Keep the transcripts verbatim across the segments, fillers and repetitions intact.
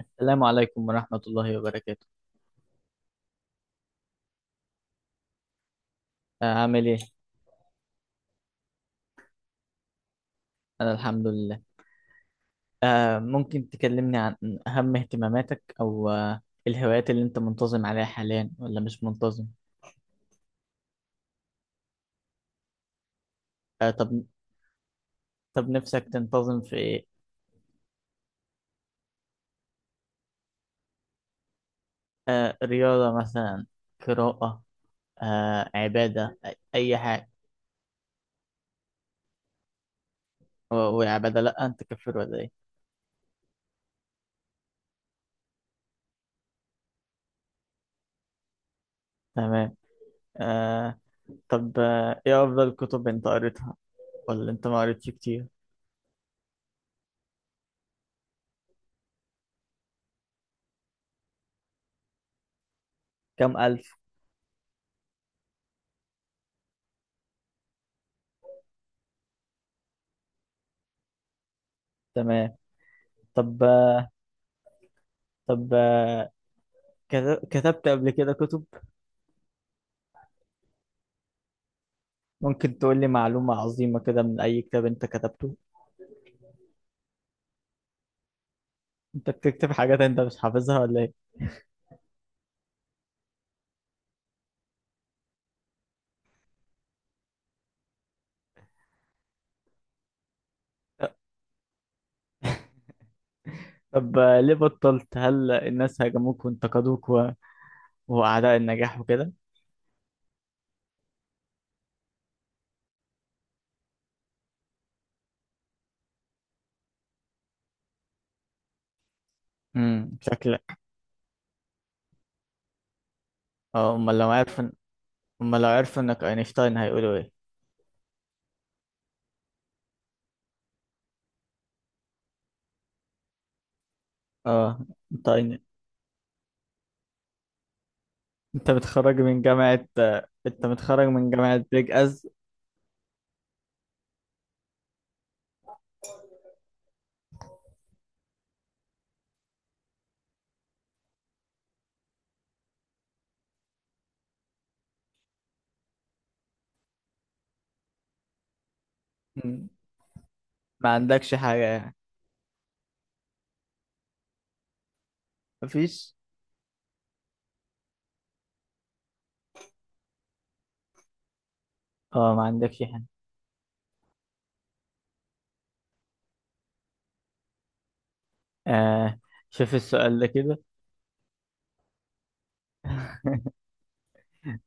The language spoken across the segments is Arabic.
السلام عليكم ورحمة الله وبركاته. آه، عامل إيه؟ أنا الحمد لله. آه، ممكن تكلمني عن أهم اهتماماتك أو آه، الهوايات اللي أنت منتظم عليها حاليا ولا مش منتظم؟ آه، طب. طب نفسك تنتظم في إيه؟ آه، رياضة مثلا، قراءة، آه، عبادة، أي أي حاجة. و- وعبادة، لأ أنت كفر ولا إيه؟ تمام. آه، طب، آه، إيه أفضل كتب أنت قريتها ولا أنت ما قريتش كتير؟ كم ألف؟ تمام. طب، آه، طب آه، كت- كتبت قبل كده كتب؟ ممكن تقول لي معلومة عظيمة كده من أي كتاب أنت كتبته. أنت بتكتب حاجات أنت مش حافظها ولا إيه؟ طب، آه، ليه بطلت؟ هل الناس هاجموك وانتقدوك و... وأعداء النجاح وكده؟ امم شكلك. اه أمال لو عارف إن- أمال لو عرفوا إنك أينشتاين هيقولوا إيه؟ اه أنت أين- أنت متخرج من جامعة آه، أنت متخرج من جامعة بيج أز؟ مم. ما عندكش حاجة يعني؟ مفيش. اه ما عندكش حاجة. آه شوف السؤال ده كده.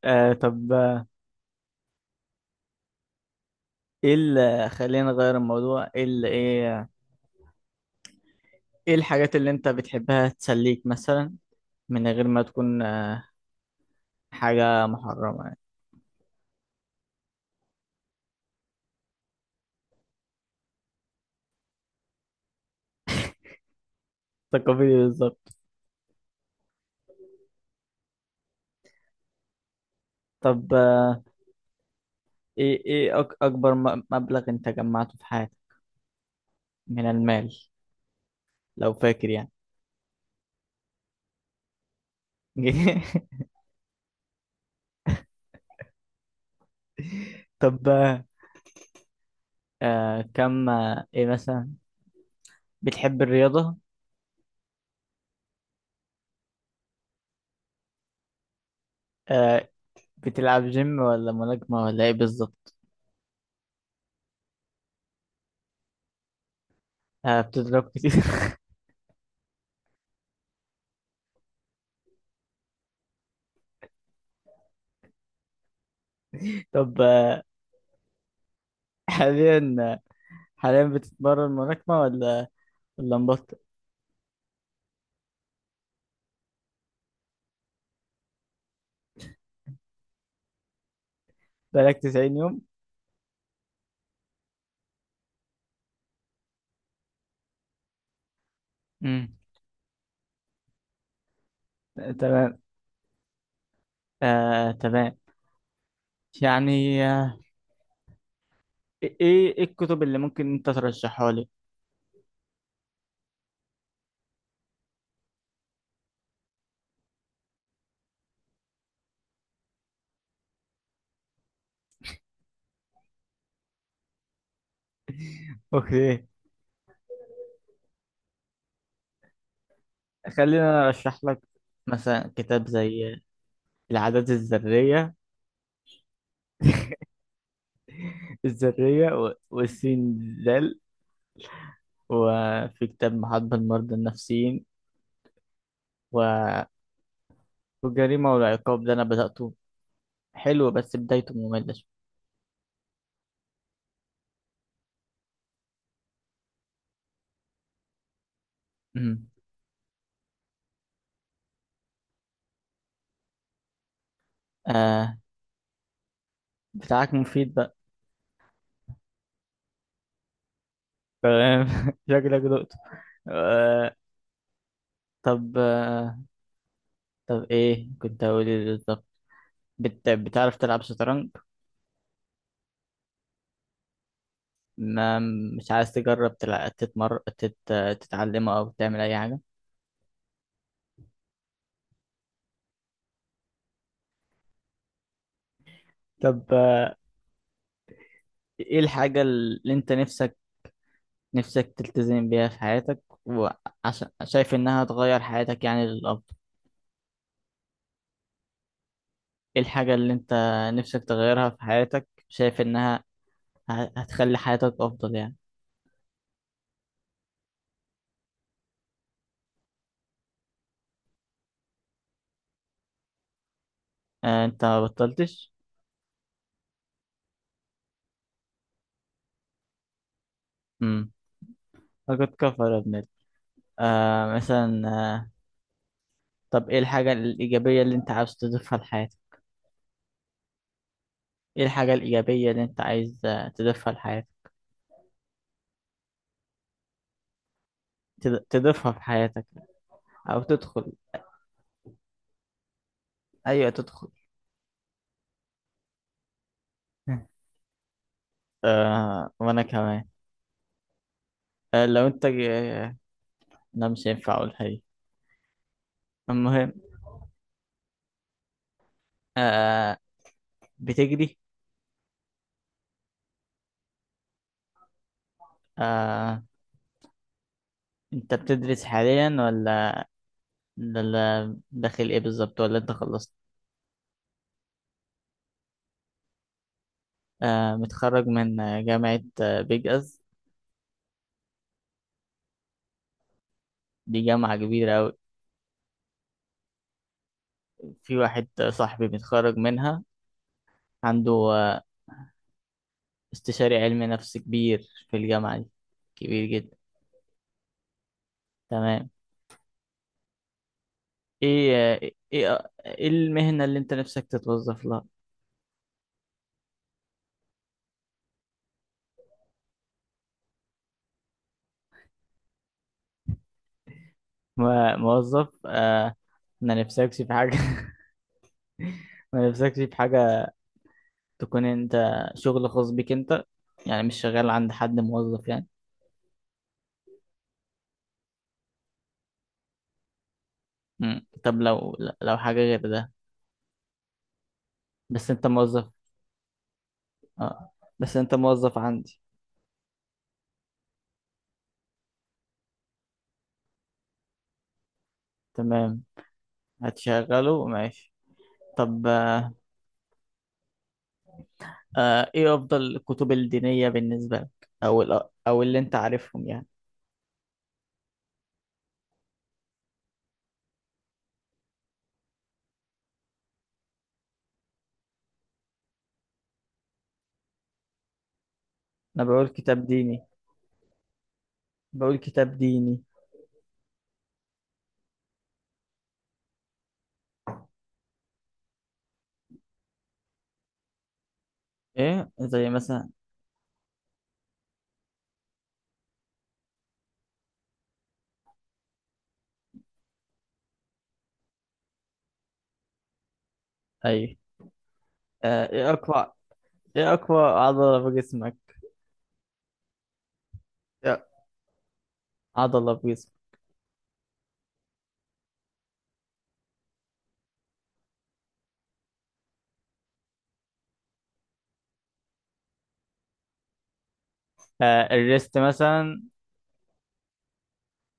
آه طب، ايه اللي خلينا نغير الموضوع؟ ايه اللي ايه ايه الحاجات اللي انت بتحبها تسليك مثلا، من غير ما تكون آه، حاجة محرمة يعني؟ تقابلي بالظبط. طب، آه، ايه ايه أك اكبر م- مبلغ انت جمعته في حياتك من المال، لو فاكر يعني؟ طب، آه، آه، كم آه، ايه مثلا، بتحب الرياضة؟ آه، بتلعب جيم ولا ملاكمة ولا ايه بالظبط؟ آه، بتضرب كتير؟ طب، آه، حاليا حاليا بتتمرن ملاكمة ولا اللمبات؟ بقالك 90 يوم؟ امم تمام. آه تمام يعني. آه، ايه ايه الكتب اللي ممكن انت ترشحها لي؟ اوكي، خلينا انا ارشح لك. مثلا كتاب زي العادات الذرية، الذرية و- والسين ذال، وفي كتاب محاضرة المرضى النفسيين، و- والجريمة والعقاب ده انا بدأته، حلو بس بدايته مملة شوية. امم آه بتاعك مفيد بقى؟ تمام. شكلك دقته. آه، طب، آه، طب ايه كنت هقول؟ ايه بالظبط؟ بت... بتعرف تلعب شطرنج؟ ما، مش عايز تجرب تلع... تتمر تت... تتعلمه او تعمل اي حاجة؟ طب، آه، ايه الحاجة اللي انت نفسك نفسك تلتزم بيها في حياتك، وعشان شايف انها تغير حياتك يعني للأفضل؟ ايه الحاجة اللي انت نفسك تغيرها في حياتك، شايف انها ه- هتخلي حياتك افضل يعني؟ آه، انت ما بطلتش؟ امم فقد كفر يا ابن ال- آه مثلا، آه، طب، ايه الحاجة الإيجابية اللي انت عاوز تضيفها لحياتك؟ ايه الحاجة الإيجابية اللي انت عايز آه، تضيفها لحياتك؟ تض- تضيفها في حياتك، او تدخل. ايوه، تدخل. آه وانا كمان. آه لو انت ج- لا، مش هينفع اقولها دي، المهم. آه بتجري؟ آه انت بتدرس حاليا، ولا ولا داخل ايه بالظبط، ولا انت خلصت؟ آه متخرج من جامعة آه، بيج اس؟ دي جامعة كبيرة أوي. في واحد صاحبي متخرج منها، عنده آه، استشاري علمي نفس كبير في الجامعة دي، كبير جدا. تمام. ايه ايه ايه إيه المهنة اللي انت نفسك تتوظف لها؟ م- موظف؟ آه ما نفسكش في حاجة؟ ما نفسكش في حاجة تكون انت، شغل خاص بيك انت، يعني مش شغال عند حد موظف يعني؟ مم. طب لو لو حاجة غير ده، بس انت موظف. اه بس انت موظف عندي. تمام، هتشغله ماشي. طب، آه، آه، ايه افضل الكتب الدينية بالنسبة لك، او الأ- او اللي انت عارفهم يعني؟ انا بقول كتاب ديني بقول كتاب ديني. ايه زي مثلا؟ ايوه. آه، ايه اقوى ايه اقوى عضلة في جسمك؟ إيه؟ عضلة في جسمك. آه، الريست مثلا.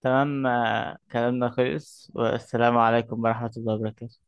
تمام، آه، كلامنا خلص. والسلام عليكم ورحمة الله وبركاته.